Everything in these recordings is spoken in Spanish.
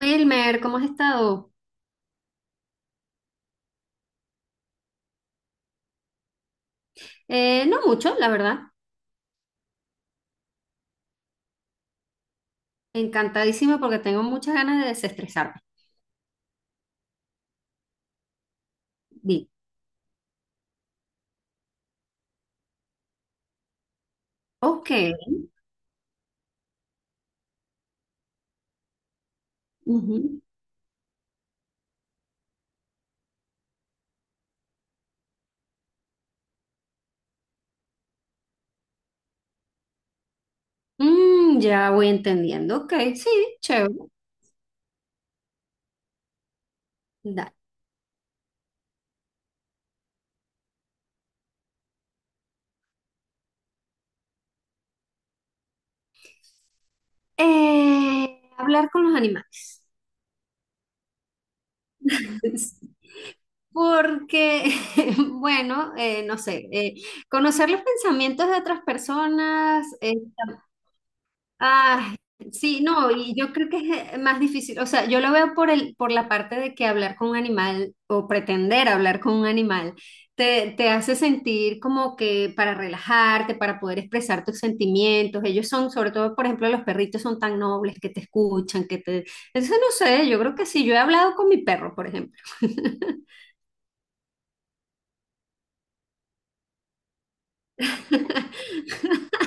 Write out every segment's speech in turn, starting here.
Wilmer, ¿cómo has estado? No mucho, la verdad. Encantadísima porque tengo muchas ganas de desestresarme. Di, ok. Ujú. Ya voy entendiendo. Ok, sí, chévere. Da. Hablar con los animales. Porque, bueno, no sé, conocer los pensamientos de otras personas, ah, sí, no, y yo creo que es más difícil, o sea, yo lo veo por por la parte de que hablar con un animal o pretender hablar con un animal te hace sentir como que para relajarte, para poder expresar tus sentimientos, ellos son, sobre todo, por ejemplo, los perritos son tan nobles que te escuchan, que te... Entonces, no sé, yo creo que sí, yo he hablado con mi perro, por ejemplo.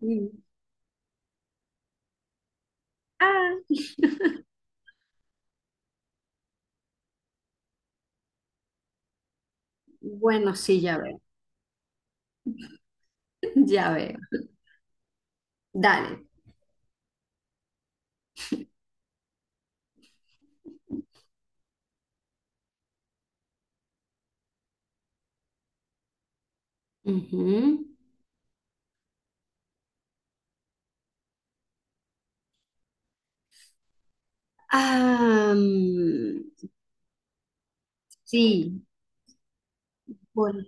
Mm. Ah. Bueno, sí, ya veo, ya veo. Dale. Ujú. Ah, sí, vol-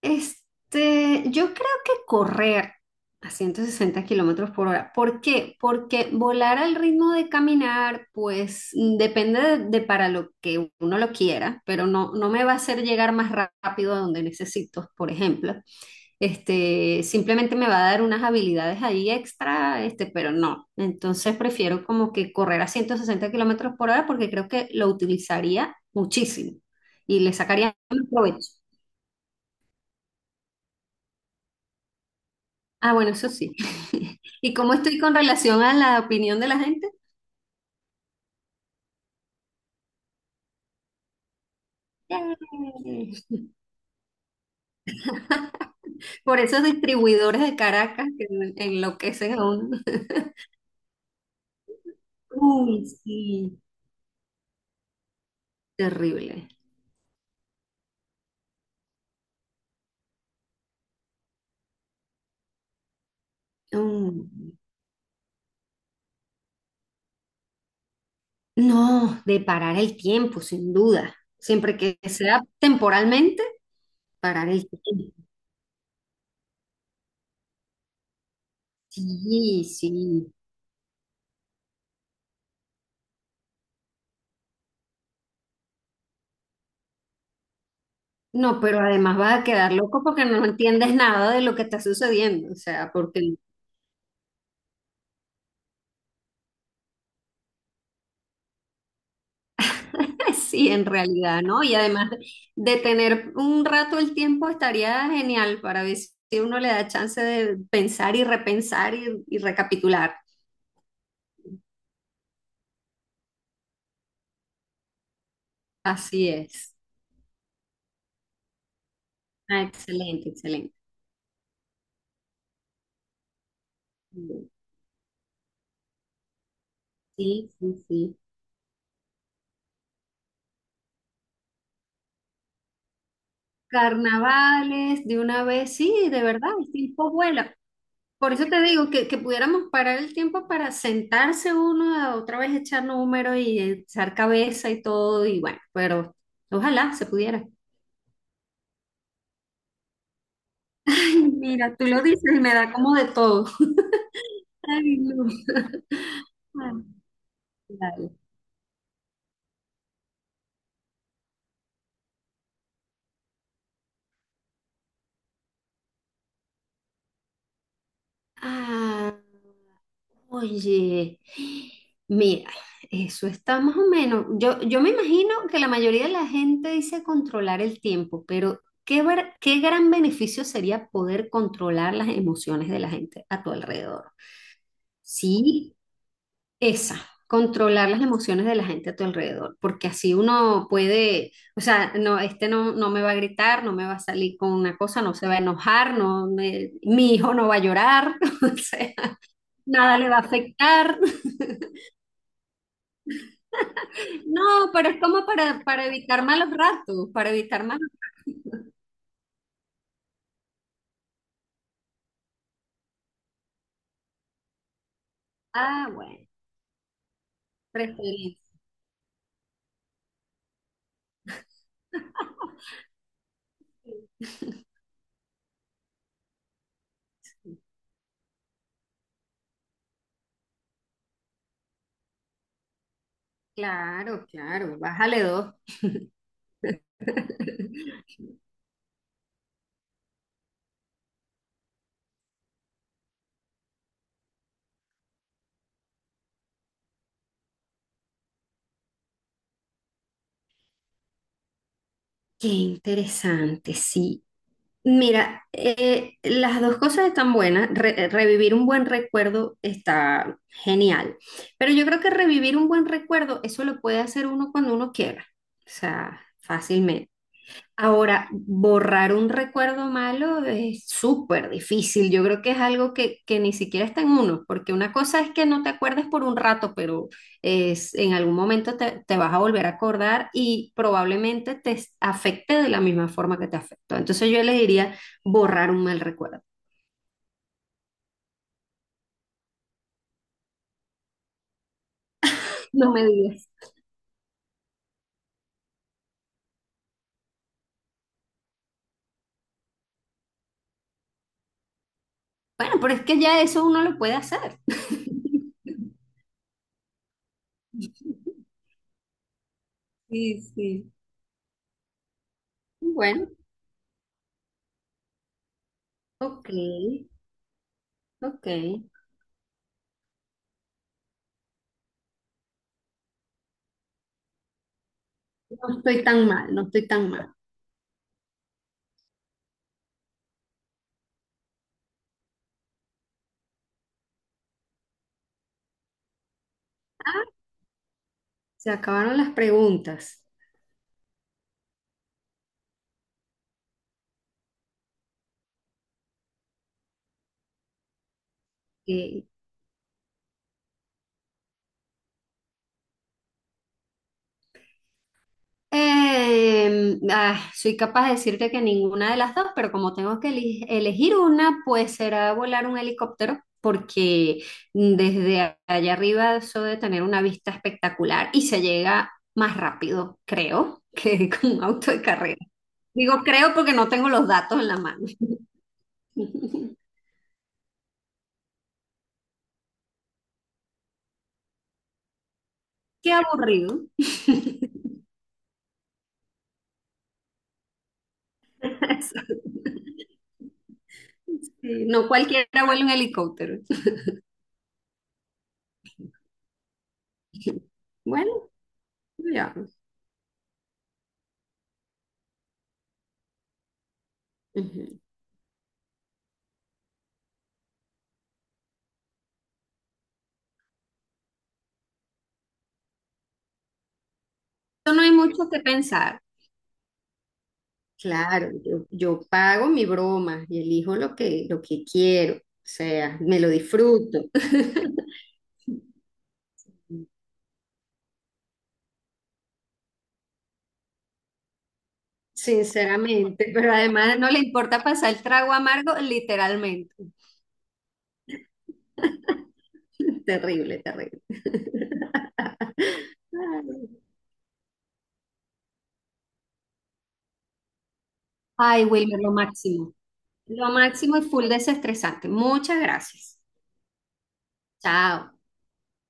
Yo creo que correr a 160 kilómetros por hora. ¿Por qué? Porque volar al ritmo de caminar, pues depende de para lo que uno lo quiera, pero no, no me va a hacer llegar más rápido a donde necesito, por ejemplo. Simplemente me va a dar unas habilidades ahí extra, pero no. Entonces prefiero como que correr a 160 kilómetros por hora porque creo que lo utilizaría muchísimo y le sacaría más provecho. Ah, bueno, eso sí. ¿Y cómo estoy con relación a la opinión de la gente? Bien. Por esos distribuidores de Caracas que enloquecen a uno. Uy, sí, terrible. Mm. No, de parar el tiempo, sin duda. Siempre que sea temporalmente, parar el tiempo. Sí, sí. No, pero además vas a quedar loco porque no entiendes nada de lo que está sucediendo. O sea, porque sí, en realidad, ¿no? Y además de tener un rato el tiempo estaría genial para ver si uno le da chance de pensar y repensar y recapitular. Así es. Ah, excelente, excelente. Sí, sí, sí. Carnavales, de una vez, sí, de verdad, el tiempo vuela. Por eso te digo que pudiéramos parar el tiempo para sentarse uno a otra vez echar números y echar cabeza y todo, y bueno, pero ojalá se pudiera. Ay, mira, tú lo dices y me da como de todo. Ay, no. Ay, dale. Ah, oye, mira, eso está más o menos. Yo me imagino que la mayoría de la gente dice controlar el tiempo, pero qué, qué gran beneficio sería poder controlar las emociones de la gente a tu alrededor. Sí, esa, controlar las emociones de la gente a tu alrededor, porque así uno puede, o sea, no, este no, no me va a gritar, no me va a salir con una cosa, no se va a enojar, mi hijo no va a llorar, o sea, nada le va a afectar. No, pero es como para evitar malos ratos, para evitar malos... Ah, bueno, preferir. Claro, claro, bájale dos. Qué interesante, sí. Mira, las dos cosas están buenas. Revivir un buen recuerdo está genial. Pero yo creo que revivir un buen recuerdo, eso lo puede hacer uno cuando uno quiera. O sea, fácilmente. Ahora, borrar un recuerdo malo es súper difícil. Yo creo que es algo que ni siquiera está en uno, porque una cosa es que no te acuerdes por un rato, pero es, en algún momento te vas a volver a acordar y probablemente afecte de la misma forma que te afectó. Entonces yo le diría borrar un mal recuerdo. No me digas. Bueno, pero es que ya eso uno lo puede hacer. Sí, sí. Bueno, ok, ok. No estoy tan mal, no estoy tan mal. Se acabaron las preguntas. Eh, soy capaz de decirte que ninguna de las dos, pero como tengo que elegir una, pues será volar un helicóptero, porque desde allá arriba eso de tener una vista espectacular y se llega más rápido, creo, que con un auto de carrera. Digo creo porque no tengo los datos en la mano. Qué aburrido. Sí, no cualquiera vuela un helicóptero. Bueno, ya. Ujú. No hay mucho que pensar. Claro, yo pago mi broma y elijo lo lo que quiero, o sea, me lo disfruto, sinceramente, pero además no le importa pasar el trago amargo, literalmente. Terrible, terrible. Ay, Wilmer, lo máximo. Lo máximo y full desestresante. Muchas gracias. Chao.